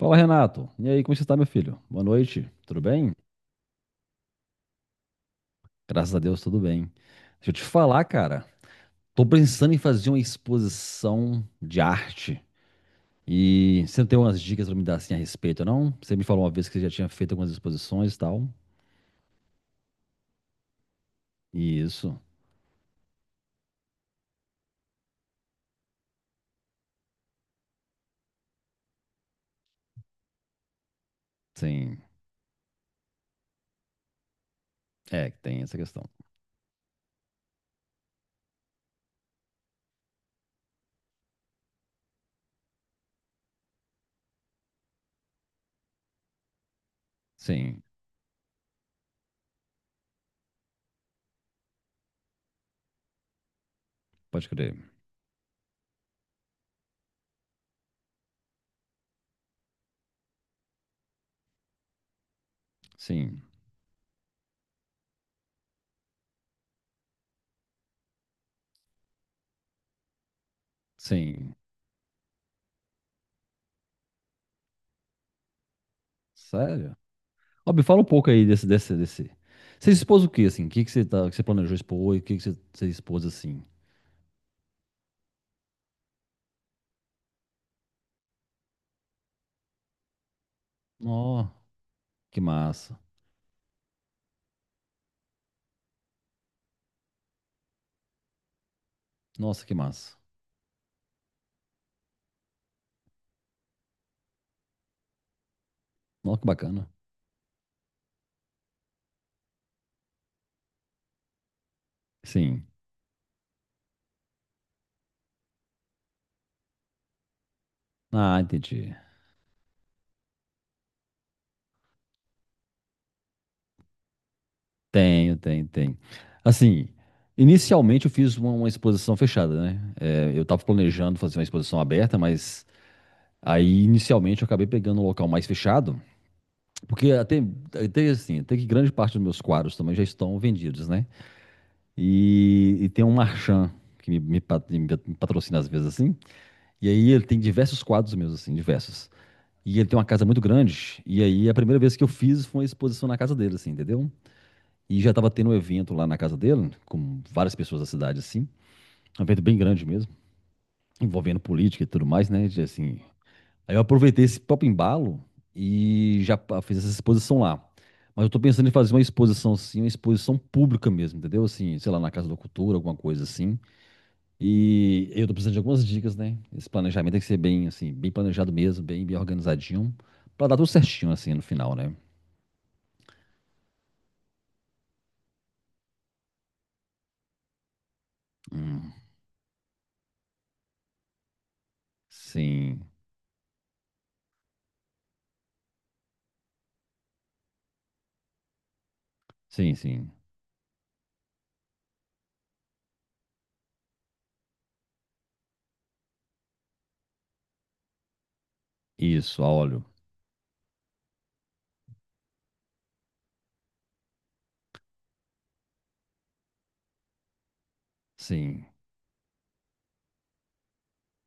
Fala, Renato. E aí, como você está, meu filho? Boa noite. Tudo bem? Graças a Deus, tudo bem. Deixa eu te falar, cara. Tô pensando em fazer uma exposição de arte. E você não tem umas dicas pra me dar assim a respeito, não? Você me falou uma vez que você já tinha feito algumas exposições e tal. E isso, sim. É, que tem essa questão. Sim, pode crer. Sim, sim. Sério? Ó, me fala um pouco aí desse, desse. Você expôs o quê, assim? O que que você tá, que você planejou expor e o que que você expôs assim? Ó, que massa. Nossa, que massa. Nossa, que bacana. Sim. Ah, entendi. Tenho, tem, tem. Assim, inicialmente eu fiz uma exposição fechada, né? É, eu tava planejando fazer uma exposição aberta, mas aí inicialmente eu acabei pegando um local mais fechado, porque até assim, até que grande parte dos meus quadros também já estão vendidos, né? E tem um marchand que me patrocina às vezes assim, e aí ele tem diversos quadros meus, assim, diversos. E ele tem uma casa muito grande. E aí a primeira vez que eu fiz foi uma exposição na casa dele, assim, entendeu? E já tava tendo um evento lá na casa dele, com várias pessoas da cidade, assim. Um evento bem grande mesmo, envolvendo política e tudo mais, né? Assim. Aí eu aproveitei esse próprio embalo e fiz essa exposição lá. Mas eu tô pensando em fazer uma exposição, assim, uma exposição pública mesmo, entendeu? Assim, sei lá, na Casa da Cultura, alguma coisa assim. E eu tô precisando de algumas dicas, né? Esse planejamento tem que ser bem, assim, bem planejado mesmo, bem organizadinho, pra dar tudo certinho, assim, no final, né? Hum, sim, sim. Isso, a óleo. Sim.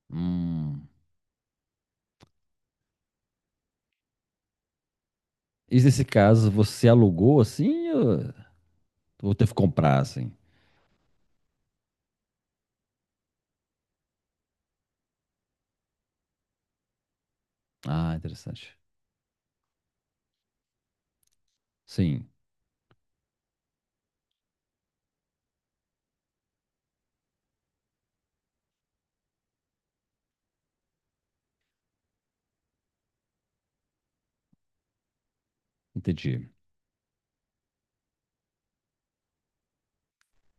Hum. E nesse caso, você alugou assim ou teve que comprar assim? Ah, interessante. Sim, entendi.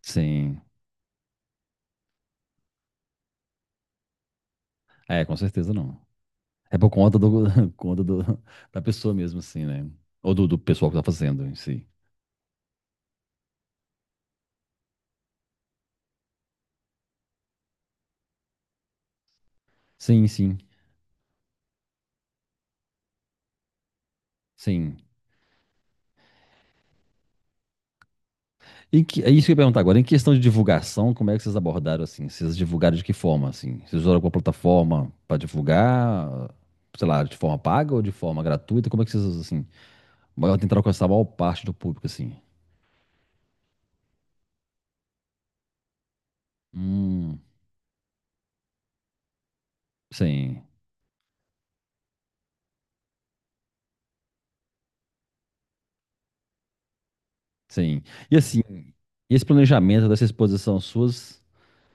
Sim. É, com certeza não. É por conta do, da pessoa mesmo, assim, né? Ou do pessoal que tá fazendo em si. Sim, sim. Em que, é isso que eu ia perguntar agora. Em questão de divulgação, como é que vocês abordaram assim? Vocês divulgaram de que forma assim? Vocês usaram alguma plataforma para divulgar, sei lá, de forma paga ou de forma gratuita? Como é que vocês assim, tentaram alcançar a maior parte do público assim? Hum, sim, sim. E assim, esse planejamento dessa exposição suas,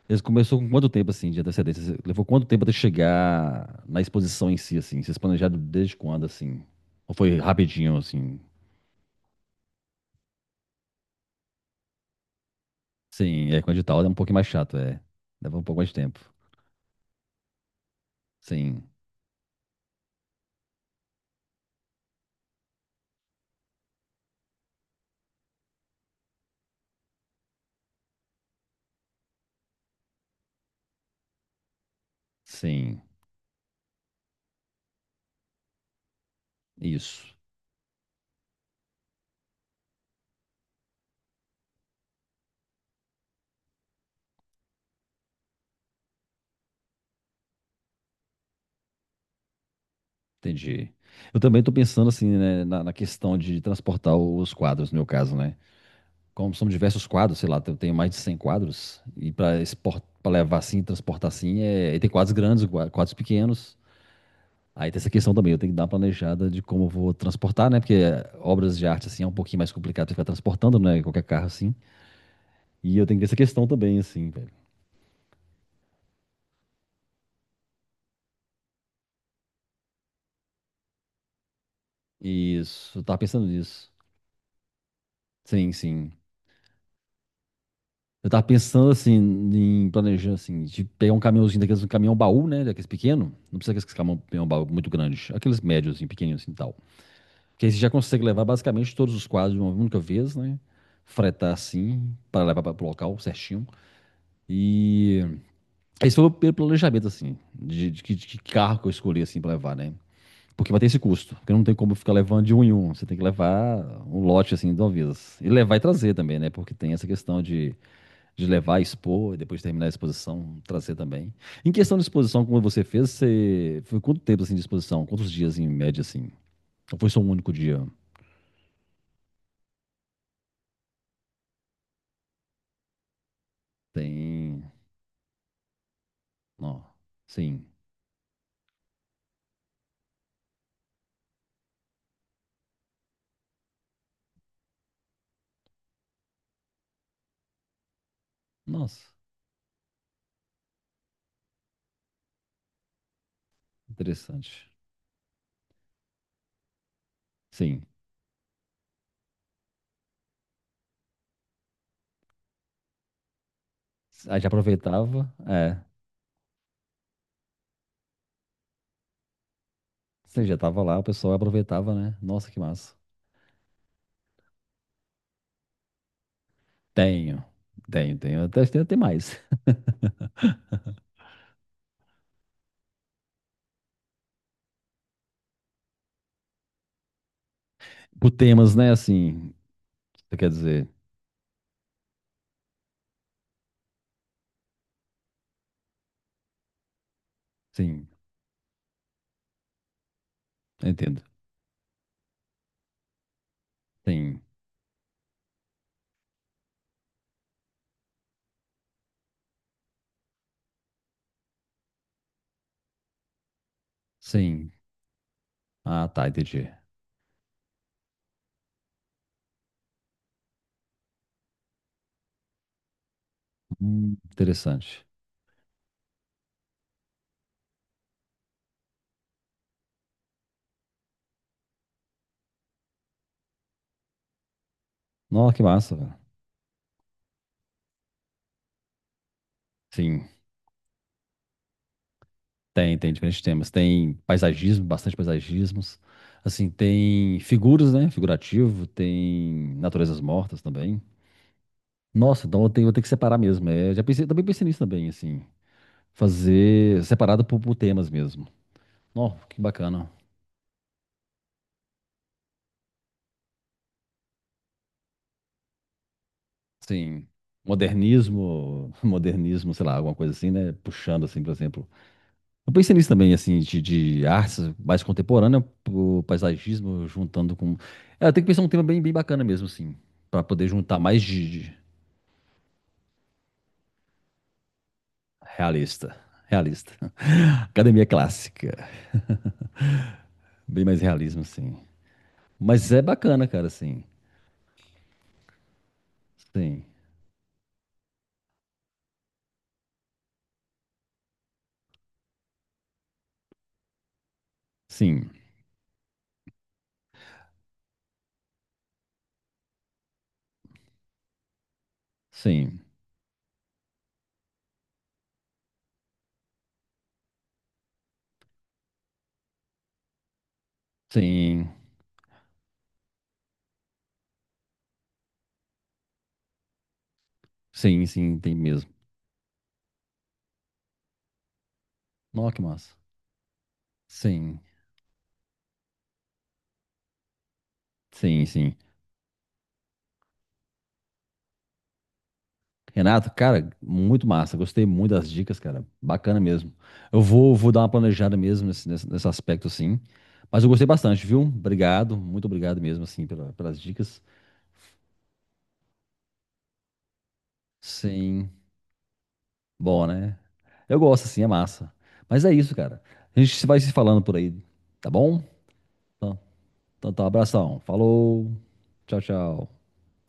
eles começou com quanto tempo assim de antecedência? Levou quanto tempo até chegar na exposição em si assim? Vocês planejaram desde quando assim? Ou foi rapidinho assim? Sim, é com edital é um pouquinho mais chato, é. Leva um pouco mais de tempo. Sim, sim, isso. Entendi. Eu também tô pensando assim, né, na questão de transportar os quadros, no meu caso, né? Como são diversos quadros, sei lá, eu tenho mais de 100 quadros, e para exportar, para levar assim, transportar assim, é, e tem quadros grandes, quadros pequenos. Aí tem essa questão também, eu tenho que dar uma planejada de como eu vou transportar, né? Porque obras de arte assim é um pouquinho mais complicado de ficar transportando, né? Qualquer carro assim. E eu tenho que ter essa questão também, assim, velho. Isso, eu tava pensando nisso. Sim, sim. Eu tava pensando assim, em planejar assim, de pegar um caminhãozinho daqueles, um caminhão baú, né? Daqueles pequeno. Não precisa daqueles caminhão baú muito grande. Aqueles médios, assim, pequenininhos assim e tal. Que aí você já consegue levar basicamente todos os quadros de uma única vez, né? Fretar assim, para levar para o local certinho. E esse foi o meu planejamento, assim, de que carro que eu escolhi, assim, para levar, né? Porque vai ter esse custo. Porque não tem como ficar levando de um em um. Você tem que levar um lote, assim, de uma vez. E levar e trazer também, né? Porque tem essa questão de levar, expor, e depois terminar a exposição, trazer também. Em questão de exposição, como você fez, você foi quanto tempo assim de exposição? Quantos dias em média assim? Ou foi só um único dia? Tem. Ó, sim. Nossa, interessante. Sim. Aí já aproveitava, é. Você já tava lá, o pessoal aproveitava, né? Nossa, que massa. Tenho, tenho. Até, tem até mais. Por temas, né? Assim, você quer dizer. Sim, eu entendo. Sim, sim. Ah, tá, entendi. Interessante. Nossa, que massa, velho. Sim, tem, tem diferentes temas. Tem paisagismo, bastante paisagismos. Assim, tem figuras, né? Figurativo, tem naturezas mortas também. Nossa, então eu tenho, vou ter que separar mesmo. É, já pensei, também pensei nisso também, assim. Fazer separado por temas mesmo. Ó, que bacana. Sim. Modernismo, modernismo, sei lá, alguma coisa assim, né? Puxando, assim, por exemplo. Eu pensei nisso também, assim, de artes mais contemporânea, o paisagismo, juntando com. É, tem que pensar um tema bem, bem bacana mesmo, assim, para poder juntar mais de realista. Realista. Academia clássica. Bem mais realismo, assim. Mas é bacana, cara, assim. Sim. Sim. Sim. Sim. Sim, sim, tem mesmo. Nossa, que massa. Sim. Sim, sim. Renato, cara, muito massa. Gostei muito das dicas, cara. Bacana mesmo. Eu vou, vou dar uma planejada mesmo nesse aspecto, assim. Mas eu gostei bastante, viu? Obrigado, muito obrigado mesmo, assim, pelas dicas. Sim, bom, né? Eu gosto, assim, é massa. Mas é isso, cara. A gente vai se falando por aí, tá bom? Então, então tá, abração. Falou. Tchau, tchau.